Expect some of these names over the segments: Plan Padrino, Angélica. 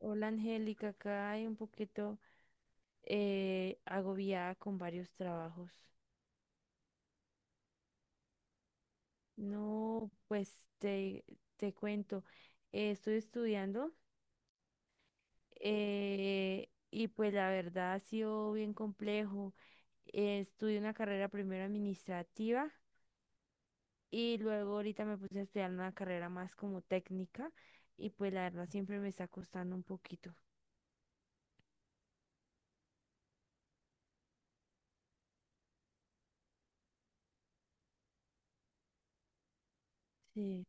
Hola Angélica, acá hay un poquito agobiada con varios trabajos. No, pues te cuento, estoy estudiando y pues la verdad ha sido bien complejo. Estudié una carrera primero administrativa y luego ahorita me puse a estudiar una carrera más como técnica y pues la verdad siempre me está costando un poquito. Sí.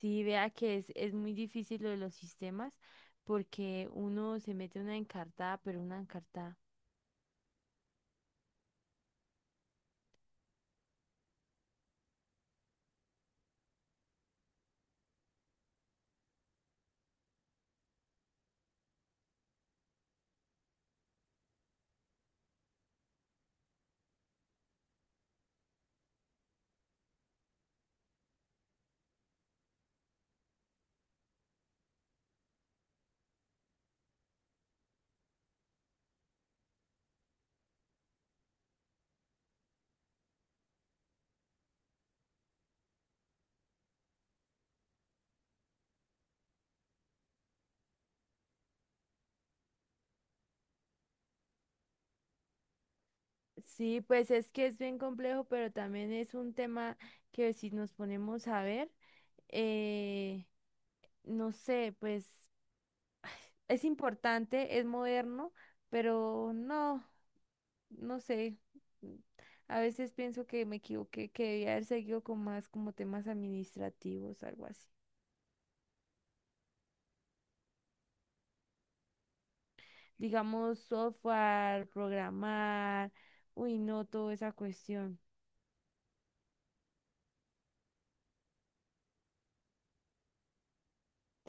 Sí, vea que es muy difícil lo de los sistemas porque uno se mete una encartada, pero una encartada. Sí, pues es que es bien complejo, pero también es un tema que si nos ponemos a ver, eh, no sé, pues es importante, es moderno, pero no, no sé. A veces pienso que me equivoqué, que debía haber seguido con más como temas administrativos, algo así. Digamos, software, programar, uy, no, toda esa cuestión.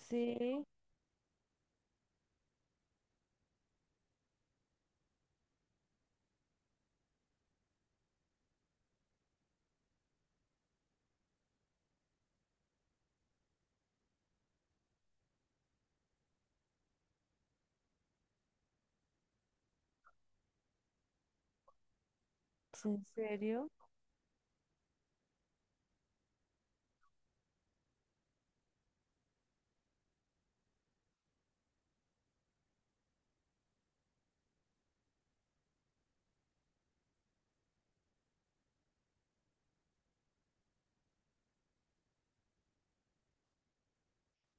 Sí, ¿en serio?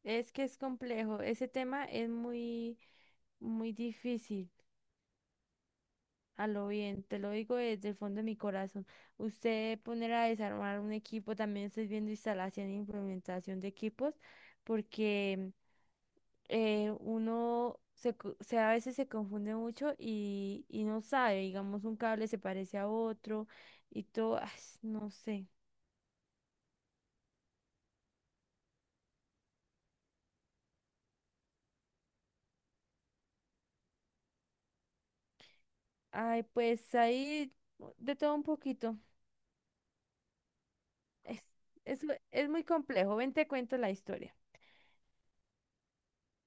Es que es complejo, ese tema es muy difícil, a lo bien, te lo digo desde el fondo de mi corazón. Usted poner a desarmar un equipo, también estoy viendo instalación e implementación de equipos, porque... uno se, co- se- a veces se confunde mucho y no sabe, digamos, un cable se parece a otro y todo, ay, no sé. Ay, pues ahí de todo un poquito. Es, es, es muy complejo. Ven, te cuento la historia.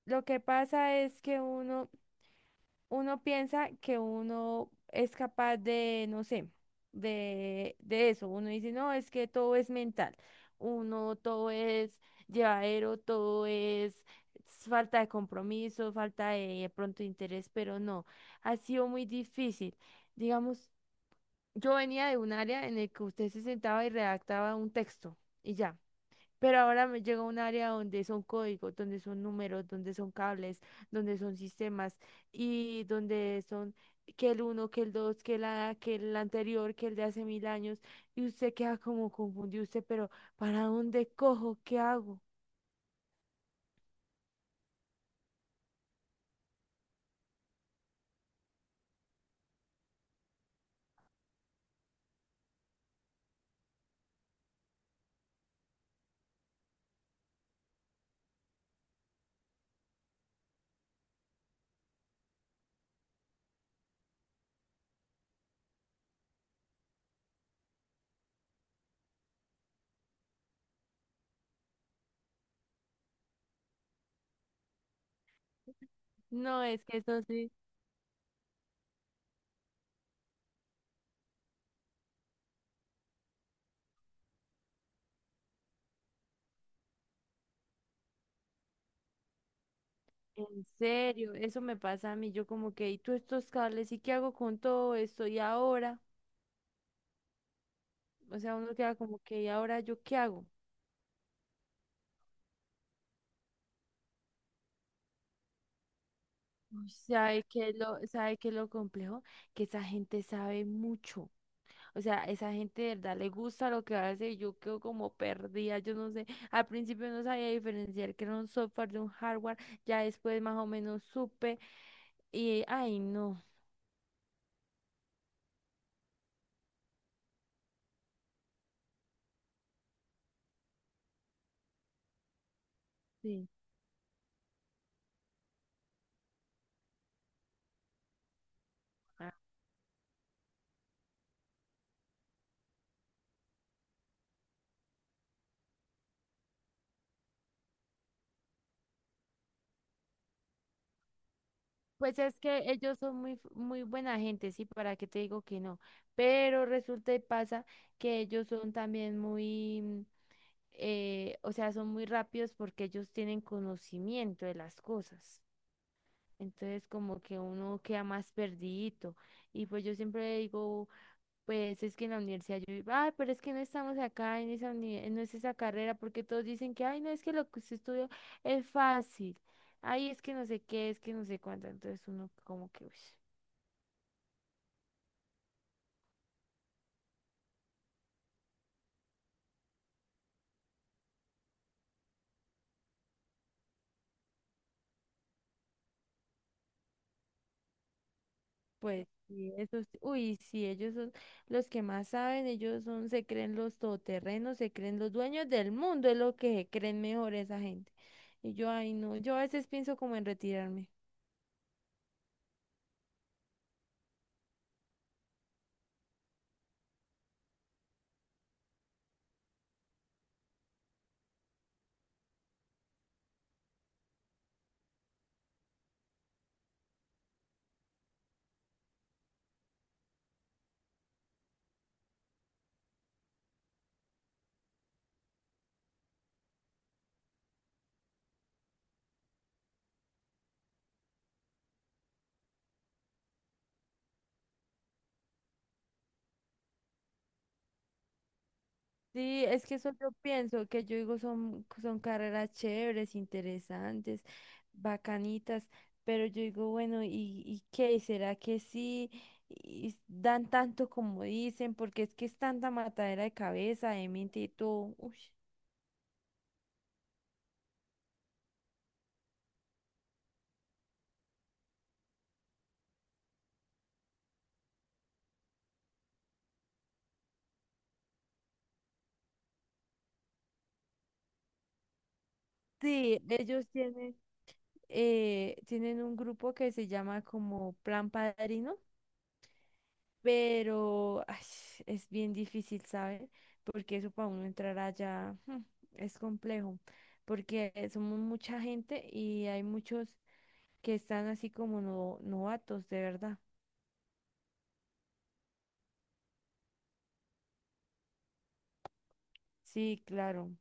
Lo que pasa es que uno piensa que uno es capaz de, no sé, de eso. Uno dice, no, es que todo es mental. Uno, todo es llevadero, todo es falta de compromiso, falta de pronto interés, pero no, ha sido muy difícil. Digamos, yo venía de un área en el que usted se sentaba y redactaba un texto y ya. Pero ahora me llega a un área donde son códigos, donde son números, donde son cables, donde son sistemas y donde son que el uno, que el dos, que la, que el anterior, que el de hace mil años. Y usted queda como confundido, usted, pero ¿para dónde cojo? ¿Qué hago? No, es que eso sí. En serio, eso me pasa a mí. Yo como que, ¿y tú estos cables? ¿Y qué hago con todo esto? ¿Y ahora? O sea, uno queda como que, ¿y ahora yo qué hago? Uy, ¿sabe qué es sabe qué es lo complejo? Que esa gente sabe mucho. O sea, esa gente de verdad le gusta lo que hace y yo quedo como perdida. Yo no sé, al principio no sabía diferenciar que era un software de un hardware, ya después más o menos supe y, ay, no. Sí. Ah, pues es que ellos son muy buena gente, sí, para qué te digo que no. Pero resulta y pasa que ellos son también muy... o sea, son muy rápidos porque ellos tienen conocimiento de las cosas. Entonces, como que uno queda más perdidito. Y pues yo siempre digo, pues es que en la universidad yo digo, ay, pero es que no estamos acá en no es esa carrera, porque todos dicen que, ay, no, es que lo que usted estudió es fácil. Ay, es que no sé qué, es que no sé cuánto. Entonces uno como que, uy. Pues sí, esos, uy, sí, ellos son los que más saben, ellos son, se creen los todoterrenos, se creen los dueños del mundo, es lo que se creen mejor esa gente. Y yo, ay, no, yo a veces pienso como en retirarme. Sí, es que eso yo pienso, que yo digo son carreras chéveres, interesantes, bacanitas, pero yo digo, bueno, y qué? ¿Será que sí? Y s- dan tanto como dicen, porque es que es tanta matadera de cabeza, de mente y todo. Uy. Sí, tienen un grupo que se llama como Plan Padrino, pero ay, es bien difícil, ¿sabe? Porque eso para uno entrar allá es complejo, porque somos mucha gente y hay muchos que están así como no, novatos, de verdad. Sí, claro.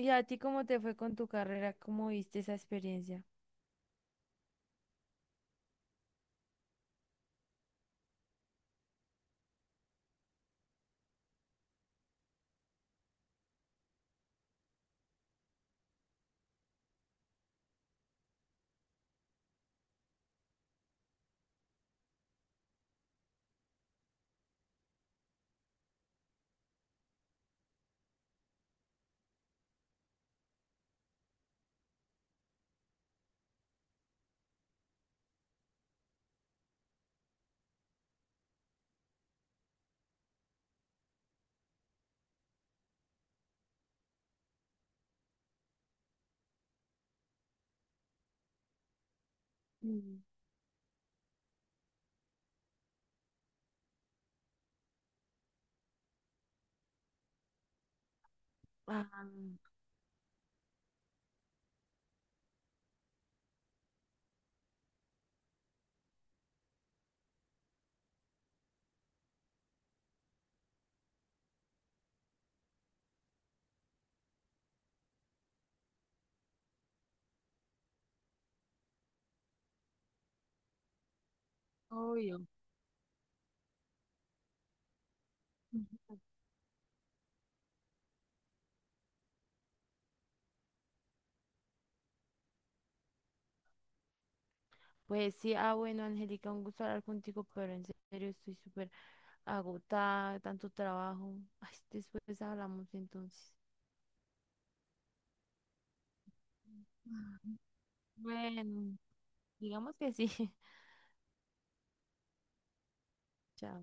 ¿Y a ti cómo te fue con tu carrera? ¿Cómo viste esa experiencia? Mm, ah, obvio. Pues sí, ah, bueno, Angélica, un gusto hablar contigo, pero en serio estoy súper agotada, tanto trabajo. Ay, después hablamos entonces. Bueno, digamos que sí. Chao.